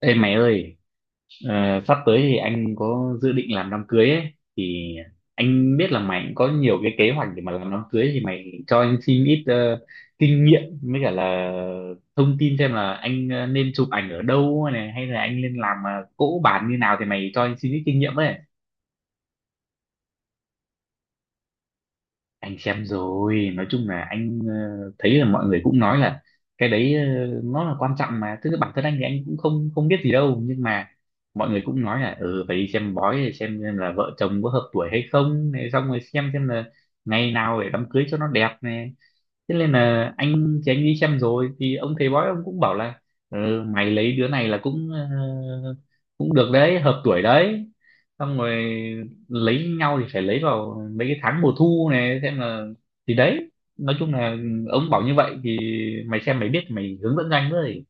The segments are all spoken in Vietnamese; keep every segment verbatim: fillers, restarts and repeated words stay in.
Ê mày ơi, ờ, sắp tới thì anh có dự định làm đám cưới ấy, thì anh biết là mày cũng có nhiều cái kế hoạch để mà làm đám cưới, thì mày cho anh xin ít ờ, kinh nghiệm với cả là thông tin, xem là anh ờ, nên chụp ảnh ở đâu này, hay là anh nên làm ờ, cỗ bàn như nào. Thì mày cho anh xin ít kinh nghiệm với. Anh xem rồi, nói chung là anh ờ, thấy là mọi người cũng nói là cái đấy ờ, nó là quan trọng, mà tức là bản thân anh thì anh cũng không không biết gì đâu, nhưng mà mọi người cũng nói là ừ phải đi xem bói để xem xem là vợ chồng có hợp tuổi hay không này, xong rồi xem xem là ngày nào để đám cưới cho nó đẹp này. Thế nên là anh thì anh đi xem rồi, thì ông thầy bói ông cũng bảo là ừ, mày lấy đứa này là cũng ờ, cũng được đấy, hợp tuổi đấy. Xong rồi lấy nhau thì phải lấy vào mấy cái tháng mùa thu này, xem là. Thì đấy, nói chung là ông bảo như vậy thì mày xem mày biết mày hướng dẫn cho anh với.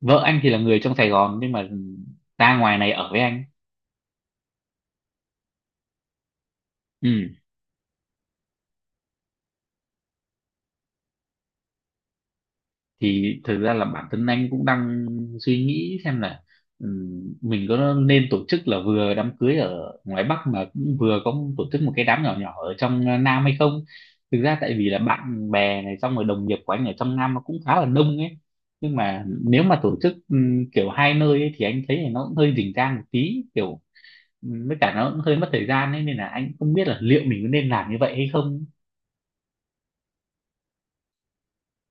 Vợ anh thì là người trong Sài Gòn nhưng mà ra ngoài này ở với anh. Ừ, thì thực ra là bản thân anh cũng đang suy nghĩ xem là ừm, mình có nên tổ chức là vừa đám cưới ở ngoài Bắc mà cũng vừa có tổ chức một cái đám nhỏ nhỏ ở trong ờ, Nam hay không. Thực ra tại vì là bạn bè này, xong rồi đồng nghiệp của anh ở trong Nam nó cũng khá là đông ấy. Nhưng mà nếu mà tổ chức ừm, kiểu hai nơi ấy, thì anh thấy là nó cũng hơi rình rang một tí kiểu. Ừm, với cả nó cũng hơi mất thời gian ấy, nên là anh không biết là liệu mình có nên làm như vậy hay không.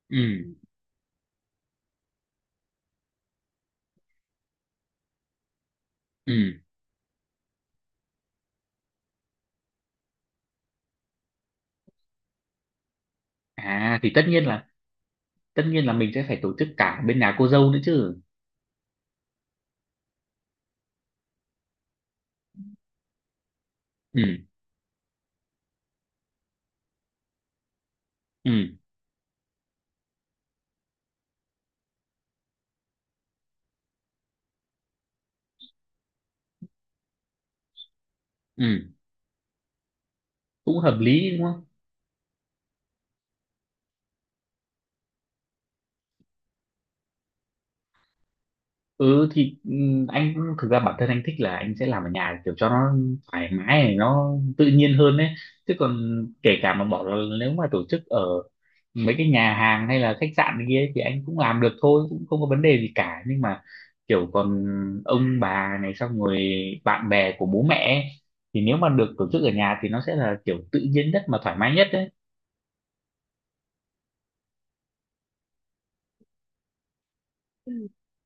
Ừ. Ừ. À thì tất nhiên là tất nhiên là mình sẽ phải tổ chức cả bên nhà cô dâu nữa chứ. Ừ. Ừ. Ừ, cũng hợp lý đúng không. Ừ thì ừ, anh thực ra bản thân anh thích là anh sẽ làm ở nhà kiểu cho nó thoải mái này, nó tự nhiên hơn đấy. Chứ còn kể cả mà bỏ là nếu mà tổ chức ở mấy cái nhà hàng hay là khách sạn này kia ấy thì anh cũng làm được thôi, cũng không có vấn đề gì cả, nhưng mà kiểu còn ông bà này, xong rồi bạn bè của bố mẹ ấy, thì nếu mà được tổ chức ở nhà thì nó sẽ là kiểu tự nhiên nhất mà thoải mái nhất đấy.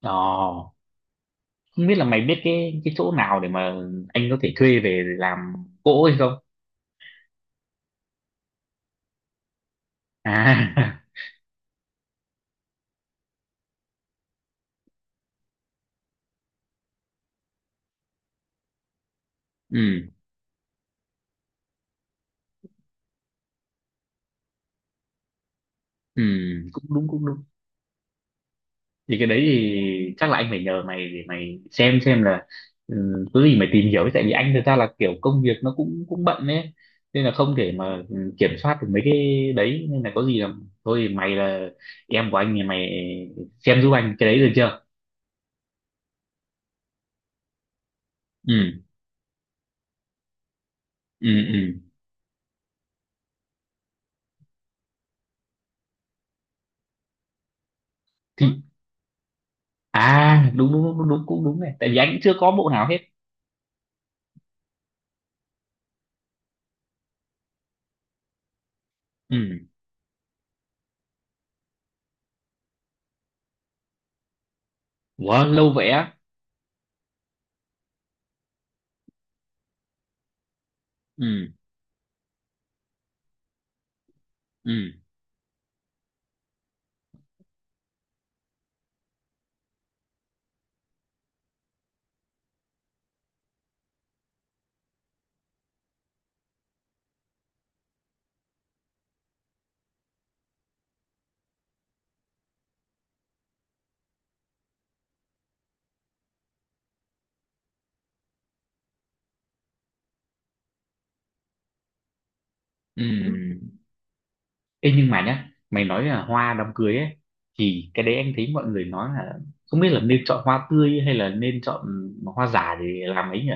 Ồ, không biết là mày biết cái cái chỗ nào để mà anh có thể thuê về làm cỗ hay không. À ừ. Ừ, cũng đúng cũng đúng. Thì cái đấy thì chắc là anh phải nhờ mày để mày xem xem là ừ, có gì mày tìm hiểu, tại vì anh thực ra là kiểu công việc nó cũng cũng bận ấy, nên là không thể mà ừ, kiểm soát được mấy cái đấy, nên là có gì là thôi thì mày là em của anh thì mày xem giúp anh cái đấy được chưa. Ừ. Ừ. Ừ. Thì à, đúng đúng đúng đúng cũng đúng này, tại vì anh cũng chưa có bộ nào hết. Ừ. Ủa lâu vậy á. Ừ. Ừ. Ừ. Ừ. Ê, nhưng mà nhá mày nói là hoa đám cưới ấy, thì cái đấy anh thấy mọi người nói là không biết là nên chọn hoa tươi hay là nên chọn hoa giả để làm ấy nhỉ.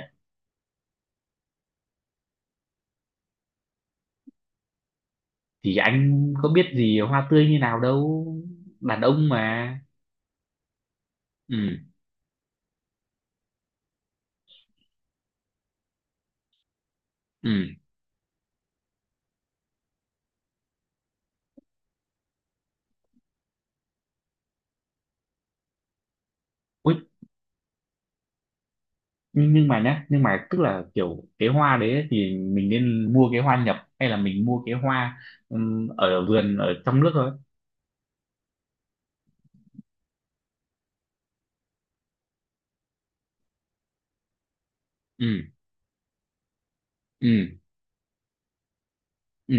Thì anh có biết gì hoa tươi như nào đâu, đàn ông mà. Ừ. Ừ. Ui, nhưng nhưng mà nhá, nhưng mà tức là kiểu cái hoa đấy ấy, thì mình nên mua cái hoa nhập hay là mình mua cái hoa ừm, ở vườn ở trong nước thôi. Ừ. Ừ. Ừ.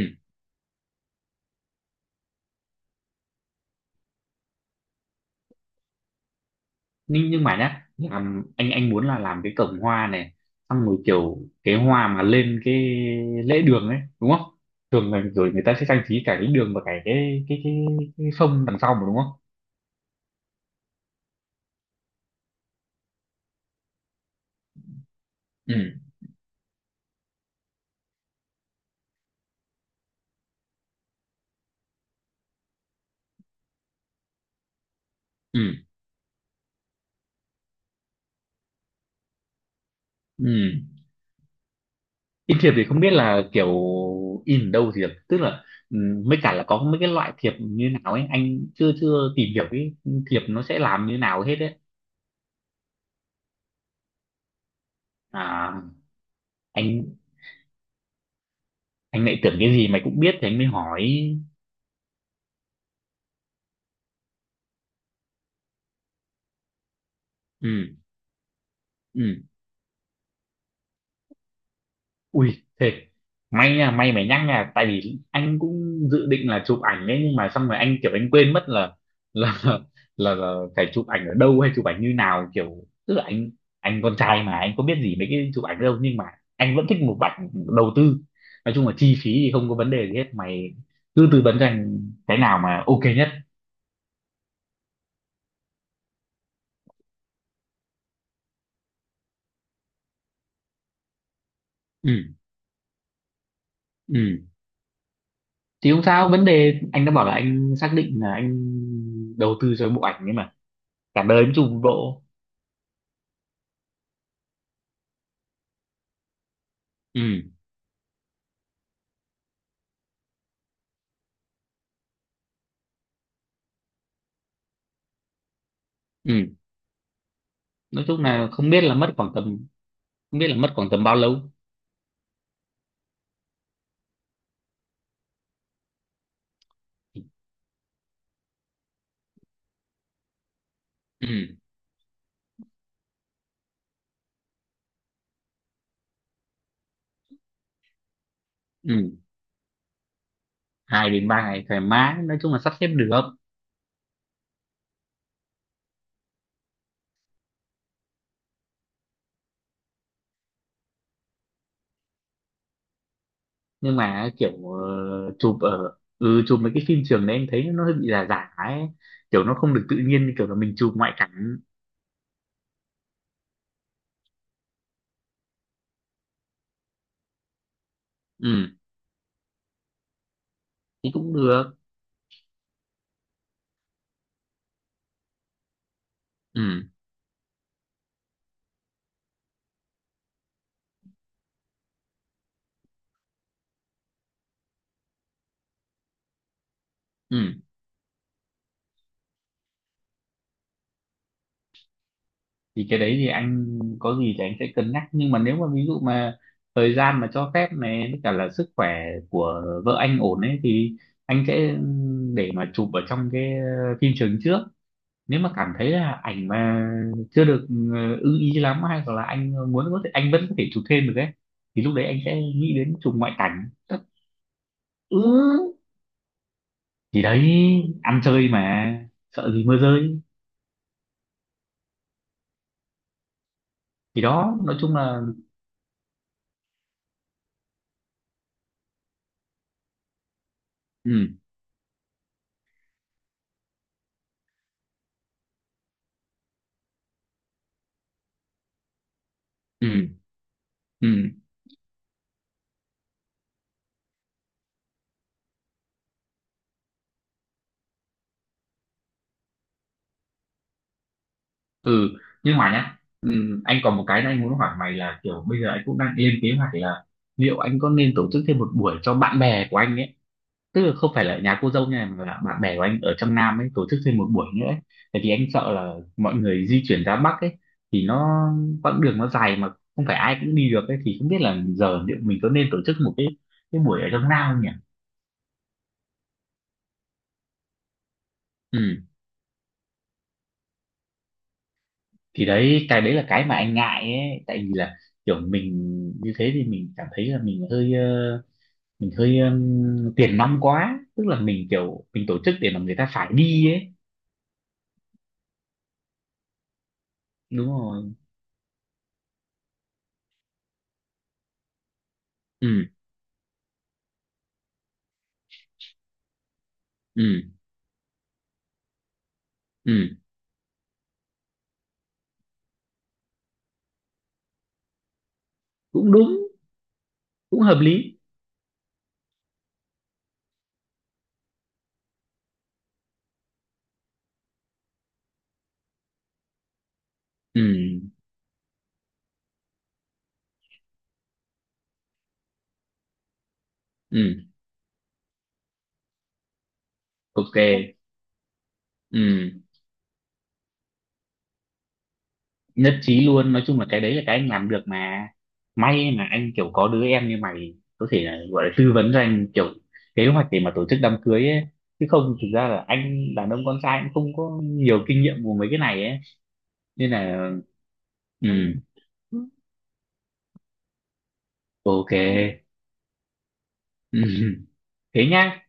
nhưng nhưng mà nhá, làm anh anh muốn là làm cái cổng hoa này, xong rồi kiểu cái hoa mà lên cái lễ đường ấy đúng không. Thường là rồi người ta sẽ trang trí cả cái đường và cả cái cái cái, cái phông đằng sau mà đúng không. Ừ. Ừ. Ừ. In thiệp thì không biết là kiểu in ở đâu thiệp, tức là ừ, mới cả là có mấy cái loại thiệp như nào ấy, anh chưa chưa tìm hiểu cái thiệp nó sẽ làm như nào hết ấy. À, anh anh lại tưởng cái gì mày cũng biết thì anh mới hỏi. Ừ. Ừ. Ui thế may nha, may mày nhắc nha, tại vì anh cũng dự định là chụp ảnh đấy, nhưng mà xong rồi anh kiểu anh quên mất là là là, là phải chụp ảnh ở đâu hay chụp ảnh như nào, kiểu tức là anh anh con trai mà anh có biết gì mấy cái chụp ảnh đâu, nhưng mà anh vẫn thích một ảnh đầu tư. Nói chung là chi phí thì không có vấn đề gì hết mày, cứ tư vấn cho anh cái nào mà ok nhất. Ừ. Ừ. Thì không sao vấn đề, anh đã bảo là anh xác định là anh đầu tư cho bộ ảnh ấy mà, cả đời mới chụp một bộ. Ừ. Ừ. Nói chung là không biết là mất khoảng tầm, không biết là mất khoảng tầm bao lâu. Ừ. Ừ. Hai đến ba ngày thoải mái, nói chung là sắp xếp được. Nhưng mà kiểu ờ, chụp ở ừ chụp mấy cái phim trường đấy em thấy nó hơi bị giả giả ấy, kiểu nó không được tự nhiên như kiểu là mình chụp ngoại cảnh. Ừ thì cũng được. Ừ. Ừ. Thì cái đấy thì anh có gì thì anh sẽ cân nhắc, nhưng mà nếu mà ví dụ mà thời gian mà cho phép này với cả là sức khỏe của vợ anh ổn ấy, thì anh sẽ để mà chụp ở trong cái ờ, phim trường trước. Nếu mà cảm thấy là ảnh mà chưa được ừ, ưng ý lắm, hay hoặc là anh muốn có thể anh vẫn có thể chụp thêm được ấy, thì lúc đấy anh sẽ nghĩ đến chụp ngoại cảnh. Ừ. Thì đấy, ăn chơi mà sợ gì mưa rơi. Thì đó, nói chung là. Ừ. Ừ. Ừ. Ừ. Nhưng mà nhá, ừm, anh còn một cái anh muốn hỏi mày là kiểu bây giờ anh cũng đang lên kế hoạch là liệu anh có nên tổ chức thêm một buổi cho bạn bè của anh ấy, tức là không phải là nhà cô dâu nha, mà là bạn bè của anh ở trong Nam ấy tổ chức thêm một buổi nữa ấy. Tại vì anh sợ là mọi người di chuyển ra Bắc ấy, thì nó quãng đường nó dài mà không phải ai cũng đi được ấy, thì không biết là giờ liệu mình có nên tổ chức một cái cái buổi ở trong Nam không nhỉ. Ừ thì đấy, cái đấy là cái mà anh ngại ấy, tại vì là kiểu mình như thế thì mình cảm thấy là mình hơi, mình hơi um, tiền nong quá, tức là mình kiểu mình tổ chức để mà người ta phải đi ấy. Đúng rồi. Ừ. Ừ. Ừ. Cũng đúng, cũng hợp lý. Ừ. Ừ. Ok. Ừ. Nhất trí luôn, nói chung là cái đấy là cái anh làm được mà. May mà anh kiểu có đứa em như mày có thể là gọi là tư vấn cho anh kiểu kế hoạch để mà tổ chức đám cưới ấy, chứ không thực ra là anh đàn ông con trai cũng không có nhiều kinh nghiệm của mấy cái này ấy. Nên là ừ. Ok. Thế nhá.